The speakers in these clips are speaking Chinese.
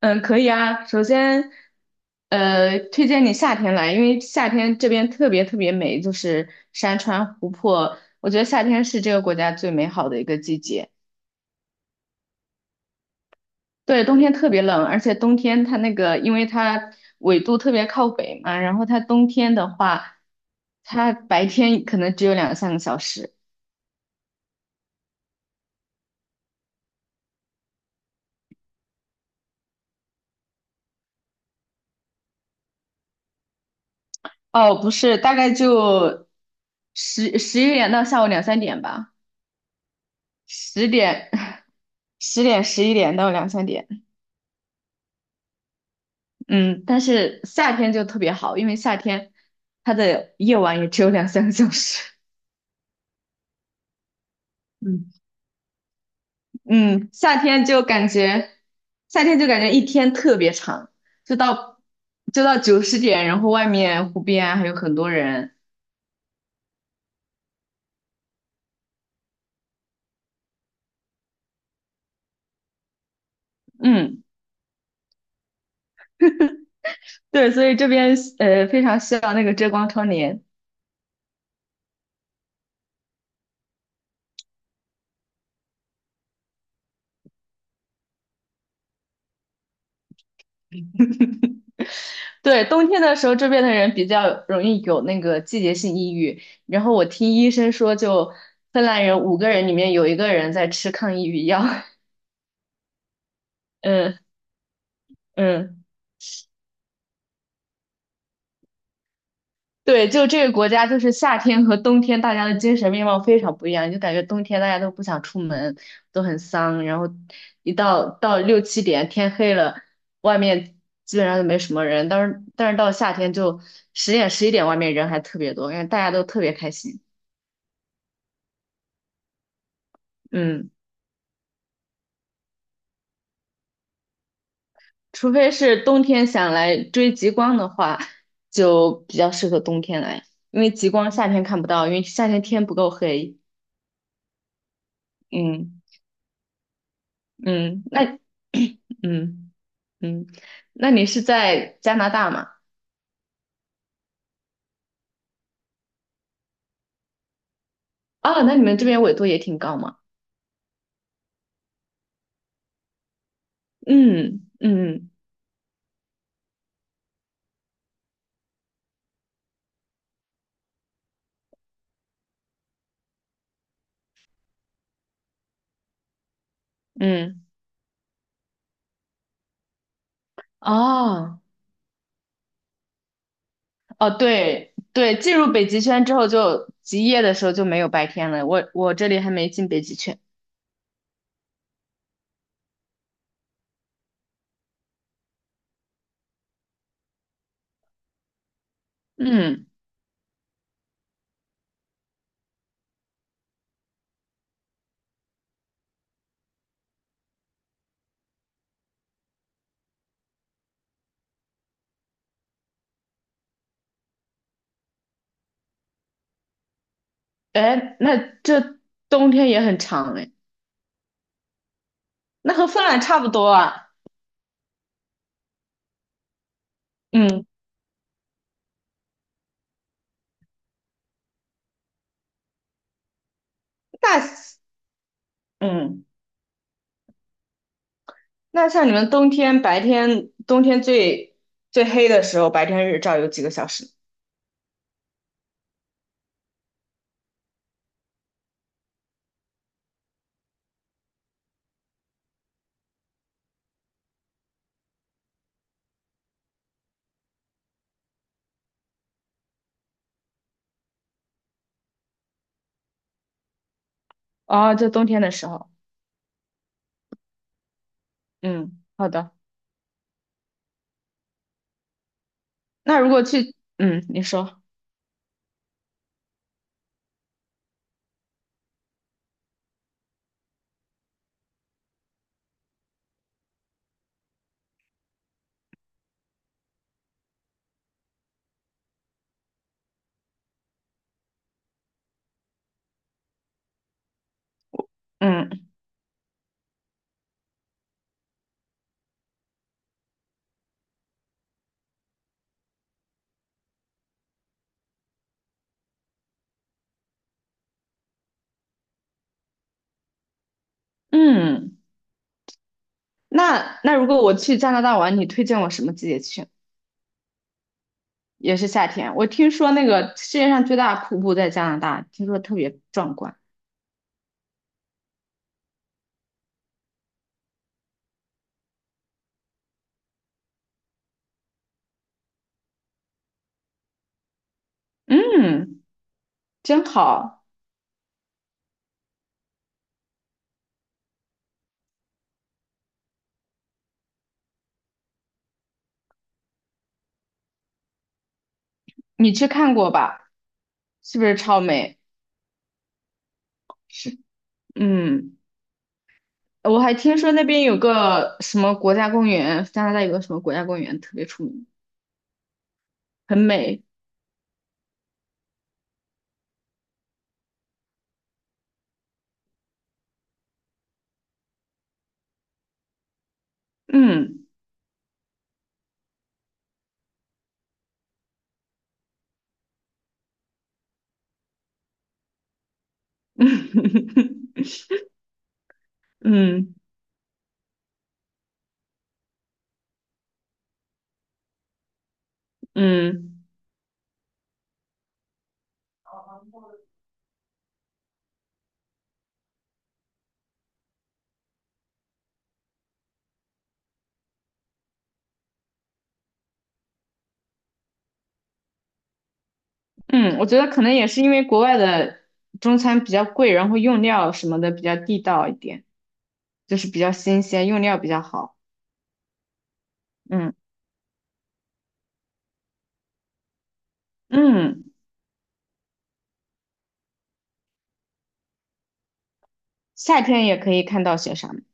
嗯，可以啊。首先，推荐你夏天来，因为夏天这边特别特别美，就是山川湖泊。我觉得夏天是这个国家最美好的一个季节。对，冬天特别冷，而且冬天它那个，因为它纬度特别靠北嘛，然后它冬天的话，它白天可能只有两三个小时。哦，不是，大概就十十一点到下午两三点吧，十点 十点十一点到两三点。嗯，但是夏天就特别好，因为夏天它的夜晚也只有两三个小时。嗯，嗯，夏天就感觉，夏天就感觉一天特别长，就到就到九十点，然后外面湖边还有很多人。嗯，对，所以这边非常需要那个遮光窗帘。对，冬天的时候这边的人比较容易有那个季节性抑郁，然后我听医生说，就芬兰人五个人里面有一个人在吃抗抑郁药。嗯，对，就这个国家，就是夏天和冬天，大家的精神面貌非常不一样。就感觉冬天大家都不想出门，都很丧，然后一到六七点天黑了，外面基本上就没什么人。但是到夏天就十点十一点，外面人还特别多，因为大家都特别开心。嗯，除非是冬天想来追极光的话，就比较适合冬天来，因为极光夏天看不到，因为夏天天不够黑。嗯。嗯，那 嗯嗯，那你是在加拿大吗？哦，那你们这边纬度也挺高嘛？嗯嗯嗯，哦哦，对对，进入北极圈之后就极夜的时候就没有白天了。我这里还没进北极圈。嗯，哎，那这冬天也很长哎，那和芬兰差不多啊。嗯，那嗯，那像你们冬天白天冬天最最黑的时候，白天日照有几个小时？哦，就冬天的时候，嗯，好的。那如果去，嗯，你说，嗯嗯，那如果我去加拿大玩，你推荐我什么季节去？也是夏天。我听说那个世界上最大的瀑布在加拿大，听说特别壮观。嗯，真好，你去看过吧？是不是超美？是，嗯，我还听说那边有个什么国家公园，加拿大有个什么国家公园特别出名，很美。嗯 嗯嗯。嗯，我觉得可能也是因为国外的中餐比较贵，然后用料什么的比较地道一点，就是比较新鲜，用料比较好。嗯嗯，夏天也可以看到雪山，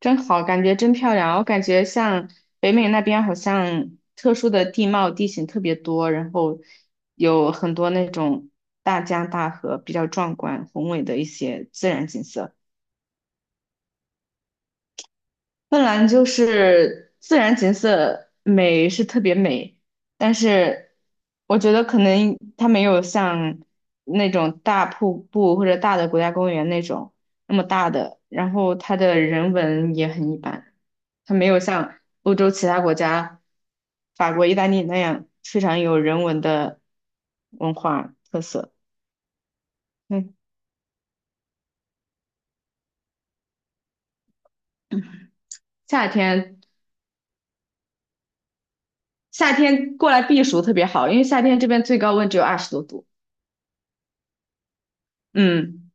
真好，感觉真漂亮。我感觉像北美那边好像特殊的地貌地形特别多，然后有很多那种大江大河，比较壮观宏伟的一些自然景色。芬兰就是自然景色美是特别美，但是我觉得可能它没有像那种大瀑布或者大的国家公园那种那么大的，然后它的人文也很一般，它没有像欧洲其他国家，法国、意大利那样非常有人文的文化特色。嗯，夏天夏天过来避暑特别好，因为夏天这边最高温只有二十多度。嗯。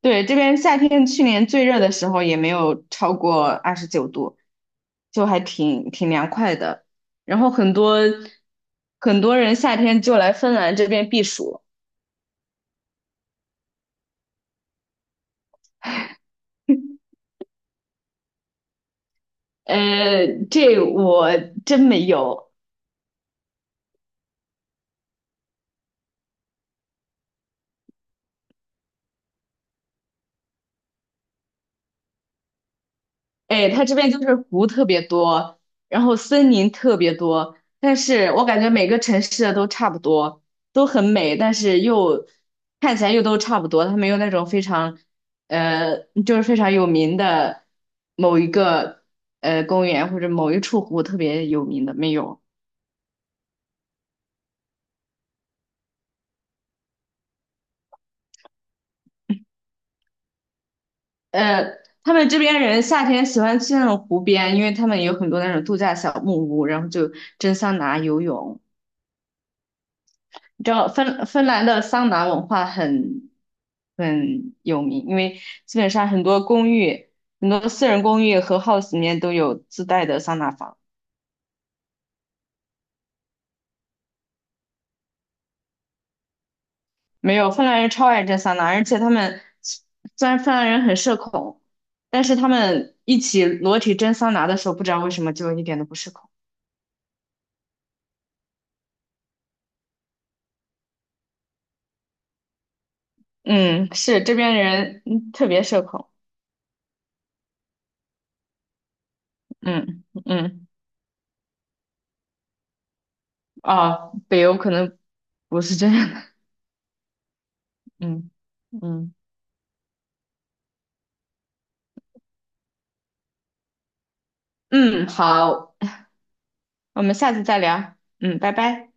对，这边夏天去年最热的时候也没有超过二十九度，就还挺凉快的。然后很多很多人夏天就来芬兰这边避暑，这我真没有。哎，它这边就是湖特别多，然后森林特别多，但是我感觉每个城市的都差不多，都很美，但是又看起来又都差不多，它没有那种非常，呃，就是非常有名的某一个公园或者某一处湖特别有名的没有。呃，他们这边人夏天喜欢去那种湖边，因为他们有很多那种度假小木屋，然后就蒸桑拿、游泳。你知道芬兰的桑拿文化很有名，因为基本上很多公寓、很多私人公寓和 house 里面都有自带的桑拿房。没有，芬兰人超爱蒸桑拿，而且他们虽然芬兰人很社恐，但是他们一起裸体蒸桑拿的时候，不知道为什么就一点都不社恐。嗯，是这边人特别社恐。嗯嗯，啊，北欧可能不是这样的。嗯嗯嗯，好。我们下次再聊。嗯，拜拜。